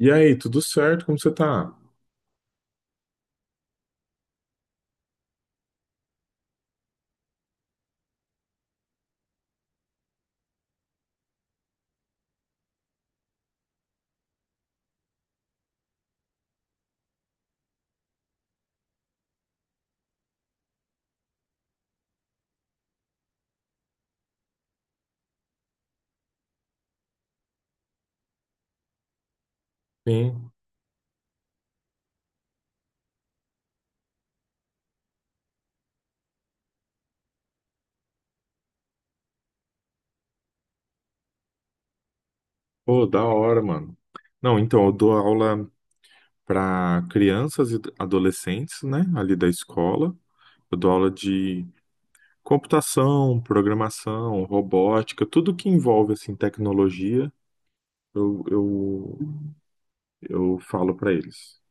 E aí, tudo certo? Como você tá? Sim. Pô, da hora, mano. Não, então, eu dou aula para crianças e adolescentes, né? Ali da escola. Eu dou aula de computação, programação, robótica, tudo que envolve, assim, tecnologia, eu, eu, eu falo para eles.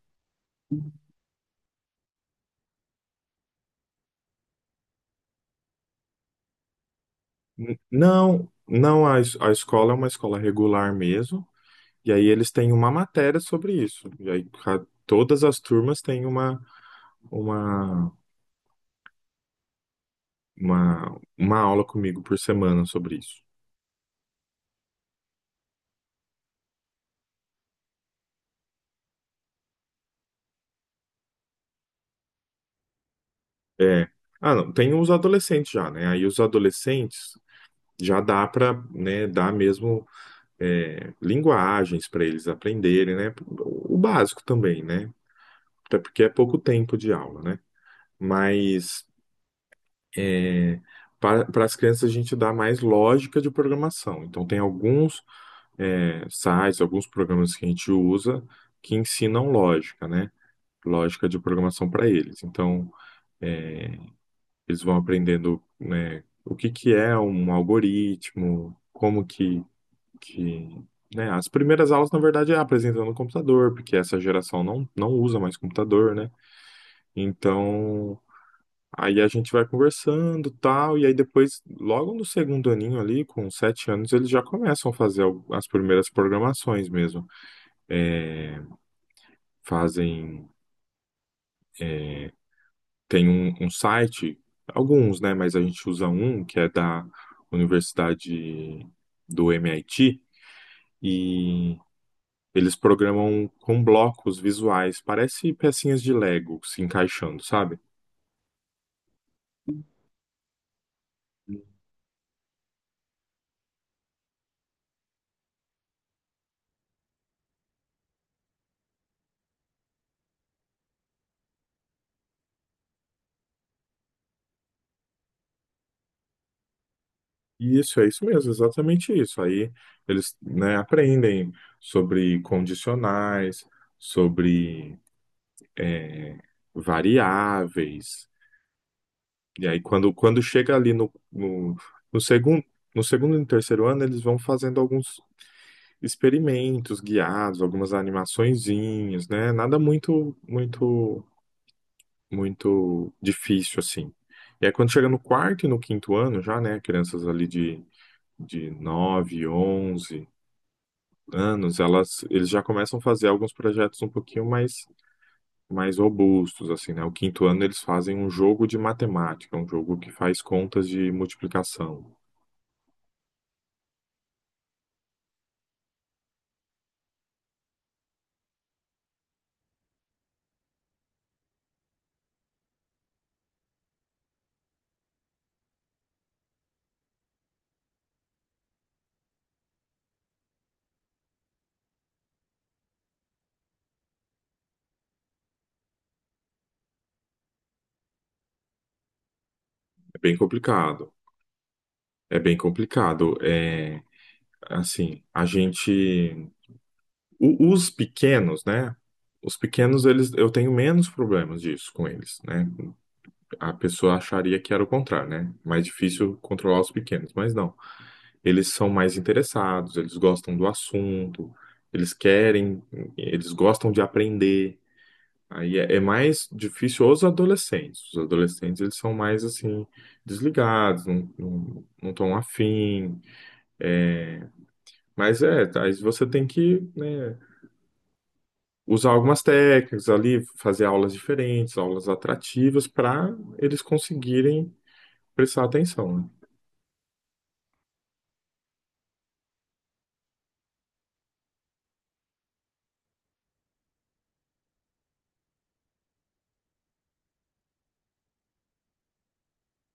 Não, não, a escola é uma escola regular mesmo, e aí eles têm uma matéria sobre isso. E aí, todas as turmas têm uma uma aula comigo por semana sobre isso. É. Ah, não, tem os adolescentes já, né? Aí os adolescentes já dá para, né, dar mesmo linguagens para eles aprenderem, né? O básico também, né? Até porque é pouco tempo de aula, né? Mas é, para as crianças a gente dá mais lógica de programação. Então tem alguns sites, alguns programas que a gente usa que ensinam lógica, né? Lógica de programação para eles. Então É, eles vão aprendendo, né, o que que é um algoritmo, que, né, as primeiras aulas, na verdade, é apresentando o computador, porque essa geração não, não usa mais computador, né? Então, aí a gente vai conversando, tal, e aí depois, logo no segundo aninho ali, com 7 anos, eles já começam a fazer as primeiras programações mesmo. É, fazem tem um site, alguns, né? Mas a gente usa um que é da Universidade do MIT e eles programam com blocos visuais, parece pecinhas de Lego se encaixando, sabe? É isso mesmo, exatamente isso. Aí eles, né, aprendem sobre condicionais, sobre é, variáveis. E aí, quando chega ali no segundo, no segundo e no terceiro ano, eles vão fazendo alguns experimentos guiados, algumas animaçõezinhas, né? Nada muito difícil, assim. E aí, quando chega no quarto e no quinto ano, já, né? Crianças ali de 9 onze anos, eles já começam a fazer alguns projetos um pouquinho mais, mais robustos, assim, né? O quinto ano, eles fazem um jogo de matemática, um jogo que faz contas de multiplicação. Bem complicado. É bem complicado. É, assim, a gente. Os pequenos, né? Os pequenos, eles, eu tenho menos problemas disso com eles, né? A pessoa acharia que era o contrário, né? Mais difícil controlar os pequenos, mas não. Eles são mais interessados, eles gostam do assunto, eles querem, eles gostam de aprender. Aí é, é mais difícil os adolescentes. Os adolescentes, eles são mais, assim, desligados, não estão afim é, mas é, tá, aí você tem que, né, usar algumas técnicas ali, fazer aulas diferentes, aulas atrativas, para eles conseguirem prestar atenção, né?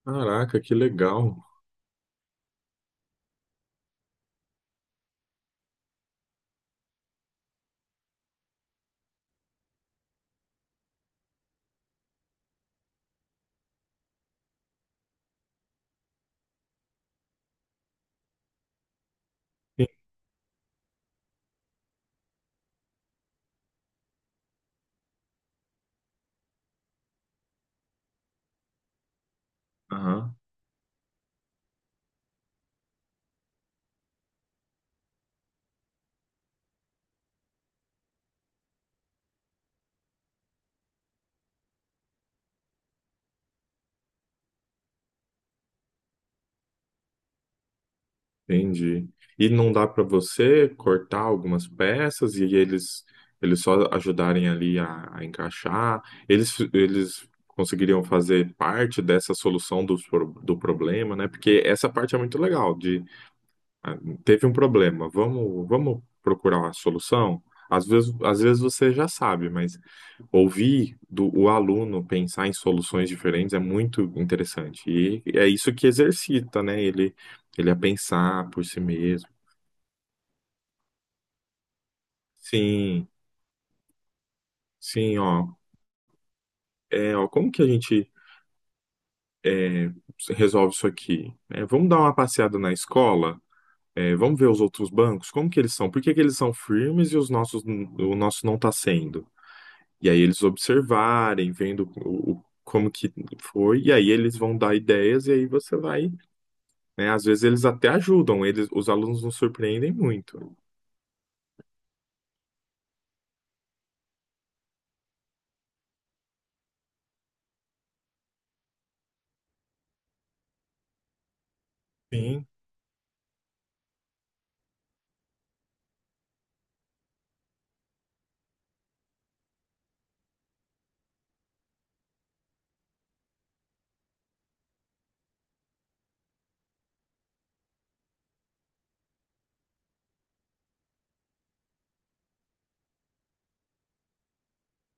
Caraca, que legal. En- Aham, entendi. E não dá para você cortar algumas peças e eles só ajudarem ali a encaixar? Eles conseguiriam fazer parte dessa solução do problema, né? Porque essa parte é muito legal. Ah, teve um problema, vamos, vamos procurar uma solução? Às vezes você já sabe, mas ouvir do, o aluno pensar em soluções diferentes é muito interessante. E é isso que exercita, né? Ele a pensar por si mesmo. Sim, sim, ó. É, ó, como que a gente é, resolve isso aqui? É, vamos dar uma passeada na escola? É, vamos ver os outros bancos? Como que eles são? Por que que eles são firmes e os nossos, o nosso não está sendo? E aí eles observarem, vendo como que foi, e aí eles vão dar ideias, e aí você vai, né? Às vezes eles até ajudam, eles, os alunos nos surpreendem muito. Sim.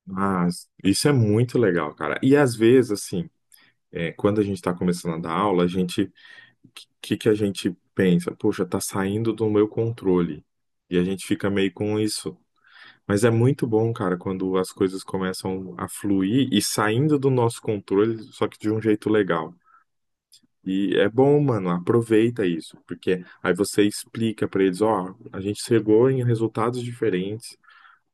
Mas isso é muito legal, cara. E às vezes, assim, quando a gente está começando a dar aula, a gente, o que que a gente pensa? Poxa, tá saindo do meu controle. E a gente fica meio com isso. Mas é muito bom, cara, quando as coisas começam a fluir e saindo do nosso controle, só que de um jeito legal. E é bom, mano, aproveita isso, porque aí você explica pra eles, ó, a gente chegou em resultados diferentes,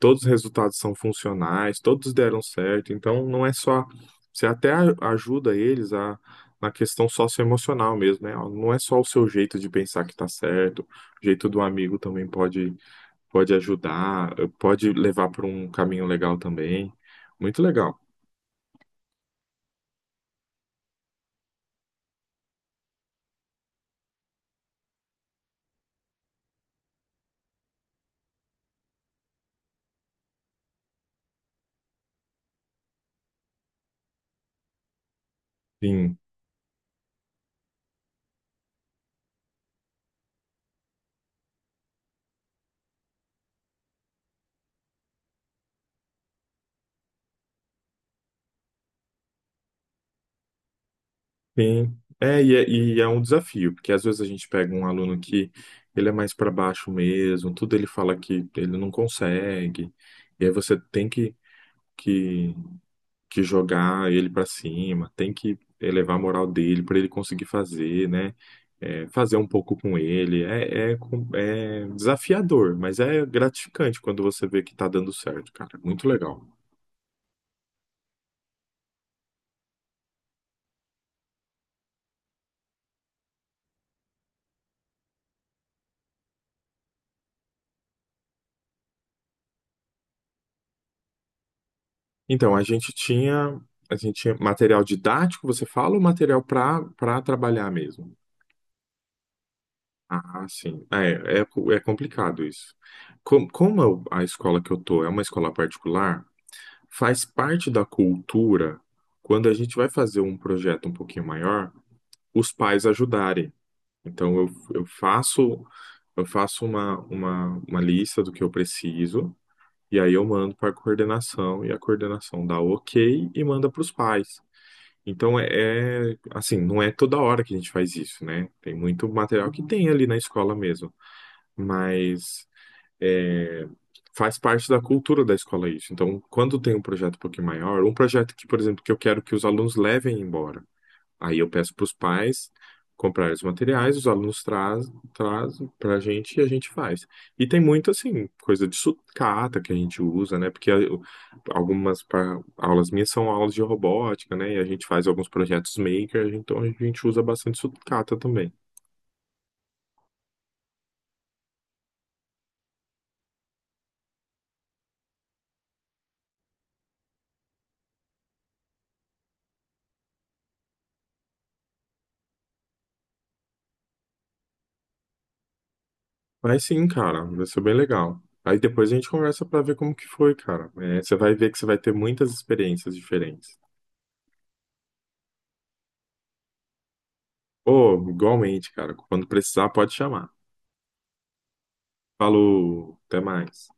todos os resultados são funcionais, todos deram certo, então não é só, você até ajuda eles a na questão socioemocional mesmo, né? Ó, não é só o seu jeito de pensar que tá certo, o jeito do amigo também pode pode ajudar, pode levar para um caminho legal também. Muito legal. Sim. Sim. É, e é um desafio, porque às vezes a gente pega um aluno que ele é mais para baixo mesmo, tudo ele fala que ele não consegue, e aí você tem que, que jogar ele para cima, tem que elevar a moral dele para ele conseguir fazer, né? É, fazer um pouco com ele. É desafiador, mas é gratificante quando você vê que tá dando certo, cara. Muito legal. Então, a gente tinha material didático, você fala, ou material para para trabalhar mesmo? Ah, sim. É complicado isso. Como a escola que eu tô é uma escola particular, faz parte da cultura, quando a gente vai fazer um projeto um pouquinho maior, os pais ajudarem. Então, eu faço, eu faço uma lista do que eu preciso, e aí eu mando para a coordenação, e a coordenação dá o ok e manda para os pais. Então, assim, não é toda hora que a gente faz isso, né? Tem muito material que tem ali na escola mesmo, mas é, faz parte da cultura da escola isso. Então, quando tem um projeto um pouquinho maior, um projeto que, por exemplo, que eu quero que os alunos levem embora. Aí eu peço para os pais comprarem os materiais, trazem para a gente e a gente faz. E tem muito, assim, coisa de sucata que a gente usa, né? Porque algumas aulas minhas são aulas de robótica, né? E a gente faz alguns projetos maker, então a gente usa bastante sucata também. Mas sim, cara, vai ser bem legal. Aí depois a gente conversa para ver como que foi, cara. É, você vai ver que você vai ter muitas experiências diferentes. Ô, igualmente, cara. Quando precisar, pode chamar. Falou, até mais.